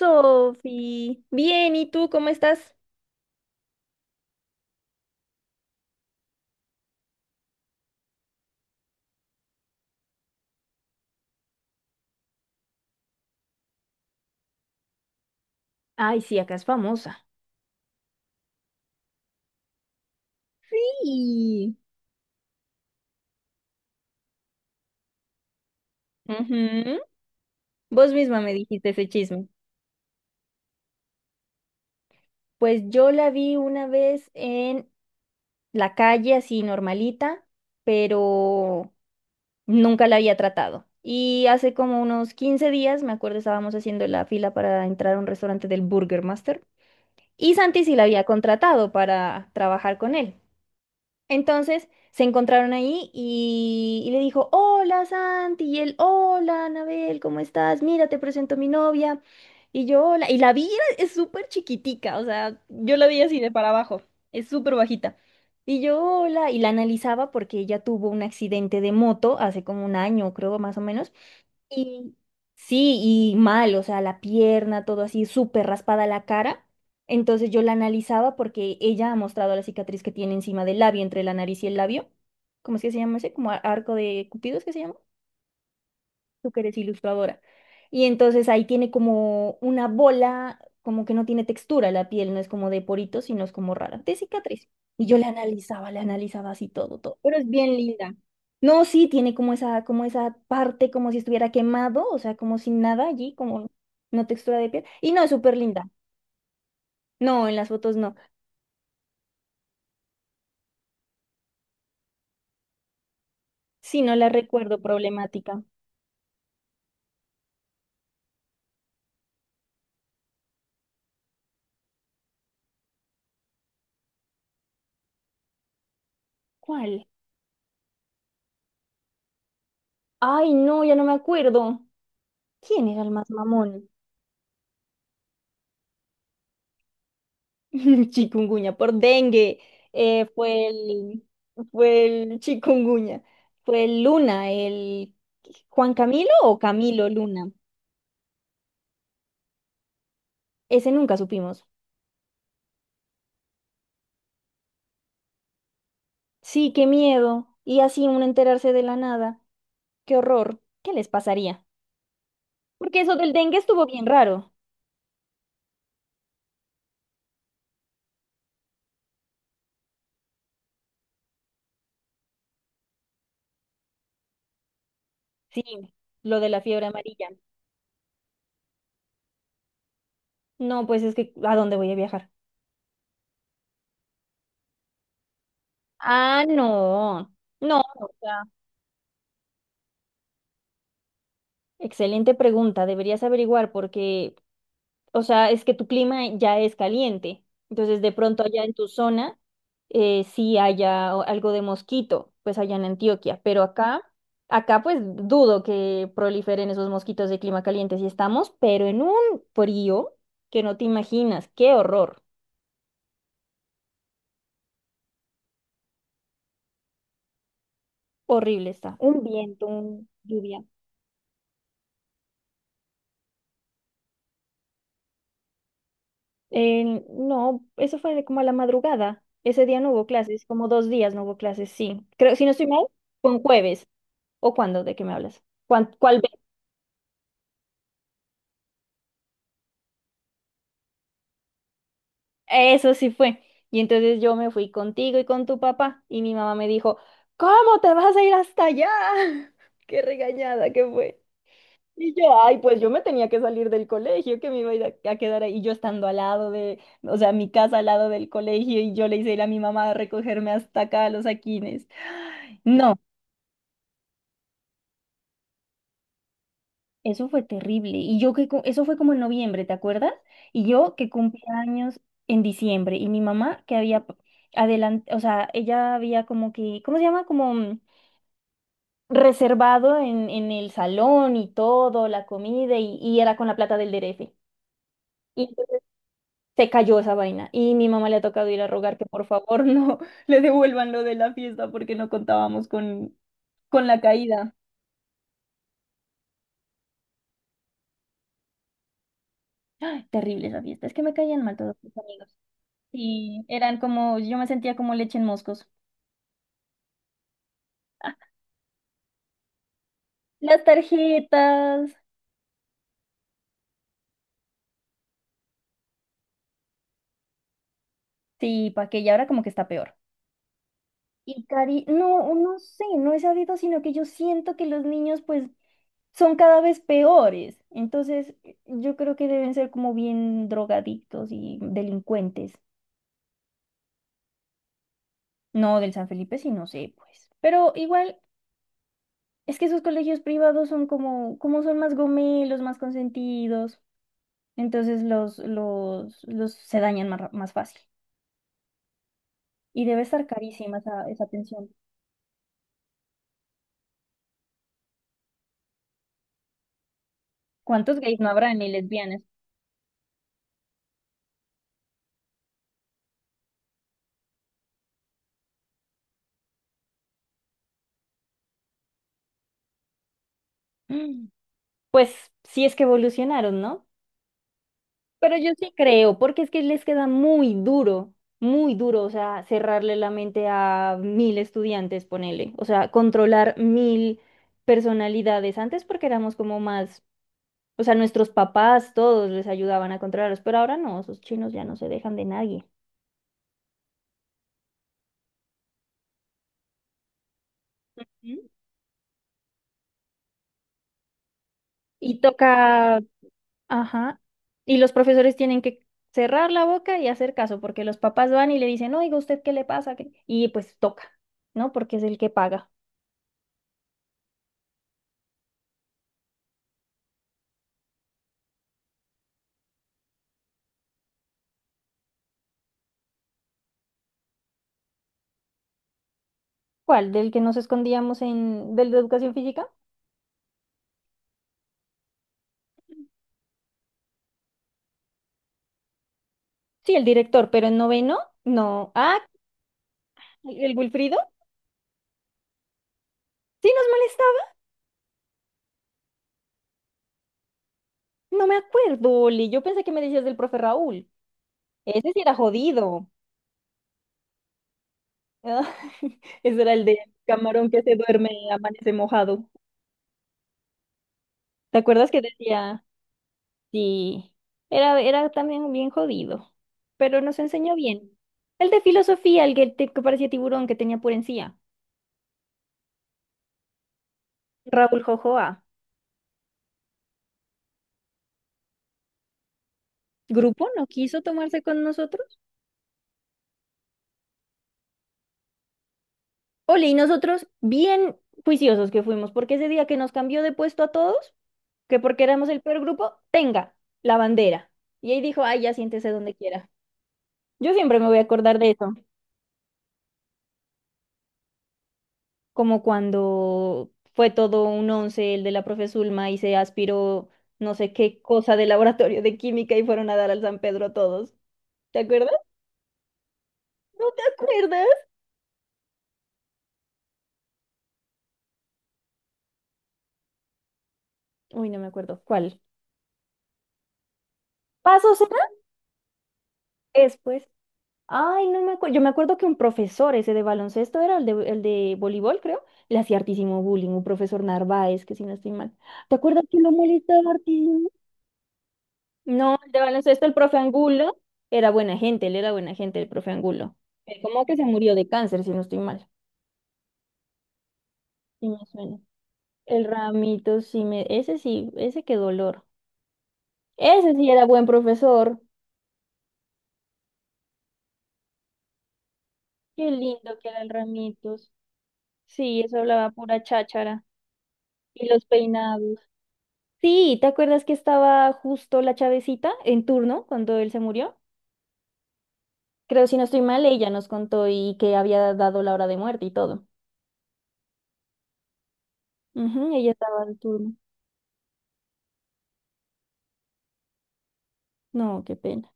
Sofi, bien, ¿y tú cómo estás? Ay, sí, acá es famosa. Sí. Ujú. Vos misma me dijiste ese chisme. Pues yo la vi una vez en la calle, así normalita, pero nunca la había tratado. Y hace como unos 15 días, me acuerdo, estábamos haciendo la fila para entrar a un restaurante del Burger Master. Y Santi sí la había contratado para trabajar con él. Entonces se encontraron ahí y le dijo, hola Santi, y él, hola Anabel, ¿cómo estás? Mira, te presento a mi novia. Y yo, hola, y la vi, es súper chiquitica, o sea, yo la vi así de para abajo, es súper bajita. Y yo, hola, y la analizaba porque ella tuvo un accidente de moto hace como un año, creo, más o menos. Y sí, y mal, o sea, la pierna, todo así, súper raspada la cara. Entonces yo la analizaba porque ella ha mostrado la cicatriz que tiene encima del labio, entre la nariz y el labio. ¿Cómo es que se llama ese? Como arco de Cupido, ¿es que se llama? Tú que eres ilustradora. Y entonces ahí tiene como una bola, como que no tiene textura la piel, no es como de poritos, sino es como rara, de cicatriz. Y yo la analizaba así todo, todo, pero es bien linda. No, sí, tiene como esa parte, como si estuviera quemado, o sea, como sin nada allí, como no textura de piel. Y no, es súper linda. No, en las fotos no. Sí, no la recuerdo problemática. ¿Cuál? Ay, no, ya no me acuerdo. ¿Quién era el más mamón? Chikungunya, por dengue, eh, fue el, fue el chikungunya, fue el Luna, el Juan Camilo o Camilo Luna, ese nunca supimos. Sí, qué miedo, y así uno enterarse de la nada, qué horror, ¿qué les pasaría? Porque eso del dengue estuvo bien raro, sí, lo de la fiebre amarilla. No, pues es que, ¿a dónde voy a viajar? Ah, no, no, o sea, excelente pregunta, deberías averiguar porque o sea, es que tu clima ya es caliente. Entonces, de pronto allá en tu zona sí haya algo de mosquito, pues allá en Antioquia, pero acá, acá pues dudo que proliferen esos mosquitos de clima caliente si estamos, pero en un frío que no te imaginas, qué horror. Horrible está. Un viento, un lluvia. No, eso fue de como a la madrugada. Ese día no hubo clases, como dos días no hubo clases, sí. Creo, si no estoy mal, con jueves. ¿O cuándo? ¿De qué me hablas? ¿Cuál? Eso sí fue. Y entonces yo me fui contigo y con tu papá y mi mamá me dijo, ¿cómo te vas a ir hasta allá? Qué regañada que fue. Y yo, ay, pues yo me tenía que salir del colegio, que me iba a ir a quedar ahí, y yo estando al lado de, o sea, mi casa al lado del colegio, y yo le hice ir a mi mamá a recogerme hasta acá a los Aquines. No. Eso fue terrible. Y yo que eso fue como en noviembre, ¿te acuerdas? Y yo que cumplía años en diciembre y mi mamá que había adelante, o sea, ella había como que, ¿cómo se llama? Como reservado en el salón y todo, la comida y era con la plata del DRF. Y entonces se cayó esa vaina y mi mamá le ha tocado ir a rogar que por favor no le devuelvan lo de la fiesta porque no contábamos con la caída. ¡Ay! Terrible esa fiesta. Es que me caían mal todos mis amigos. Sí, eran como, yo me sentía como leche en moscos. Las tarjetas, sí, pa' que y ahora como que está peor. Y Cari, no, no sé, no he sabido, sino que yo siento que los niños pues son cada vez peores. Entonces, yo creo que deben ser como bien drogadictos y delincuentes. No del San Felipe, sí, no sé, pues. Pero igual, es que esos colegios privados son como, como son más gomelos, más consentidos. Entonces los se dañan más, más fácil. Y debe estar carísima esa, esa pensión. ¿Cuántos gays no habrá ni lesbianas? Mm, pues sí es que evolucionaron, ¿no? Pero yo sí creo, porque es que les queda muy duro, o sea, cerrarle la mente a mil estudiantes, ponele, o sea, controlar mil personalidades. Antes porque éramos como más, o sea, nuestros papás todos les ayudaban a controlarlos, pero ahora no, esos chinos ya no se dejan de nadie. ¿Mm? Y toca. Ajá. Y los profesores tienen que cerrar la boca y hacer caso, porque los papás van y le dicen, oiga, ¿usted qué le pasa? ¿Qué-? Y pues toca, ¿no? Porque es el que paga. ¿Cuál? ¿Del que nos escondíamos del de educación física? Sí, el director, pero en noveno, no. Ah, ¿el Wilfrido? Sí, nos molestaba. No me acuerdo, Oli. Yo pensé que me decías del profe Raúl. Ese sí era jodido. Ah, ese era el de camarón que se duerme y amanece mojado. ¿Te acuerdas que decía? Sí, era también bien jodido, pero nos enseñó bien. El de filosofía, el que parecía tiburón que tenía por encía. Raúl Jojoa. Grupo no quiso tomarse con nosotros. Ole, y nosotros bien juiciosos que fuimos, porque ese día que nos cambió de puesto a todos, que porque éramos el peor grupo, tenga la bandera. Y ahí dijo, ay, ya siéntese donde quiera. Yo siempre me voy a acordar de eso. Como cuando fue todo un once el de la profe Zulma y se aspiró no sé qué cosa de laboratorio de química y fueron a dar al San Pedro todos. ¿Te acuerdas? ¿No te acuerdas? Uy, no me acuerdo. ¿Cuál? ¿Pasos era? Después. Ay, no me acuerdo. Yo me acuerdo que un profesor, ese de baloncesto era el de voleibol, creo, le hacía hartísimo bullying, un profesor Narváez, que si no estoy mal. ¿Te acuerdas que lo molestaba hartísimo? No, el de baloncesto, el profe Angulo, era buena gente, él era buena gente, el profe Angulo. ¿Cómo que se murió de cáncer, si no estoy mal? Sí me suena. El Ramito, sí me... Ese sí, ese qué dolor. Ese sí era buen profesor. Qué lindo que era el Ramitos. Sí, eso hablaba pura cháchara. Y los peinados. Sí, ¿te acuerdas que estaba justo la Chavecita en turno cuando él se murió? Creo, si no estoy mal, ella nos contó y que había dado la hora de muerte y todo. Ujú, ella estaba en turno. No, qué pena.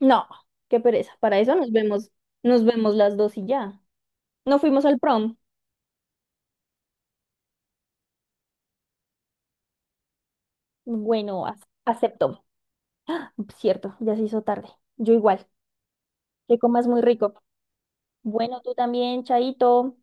No, qué pereza. Para eso nos vemos las dos y ya. No fuimos al prom. Bueno, acepto. Cierto, ya se hizo tarde. Yo igual. Que comas muy rico. Bueno, tú también, Chaito.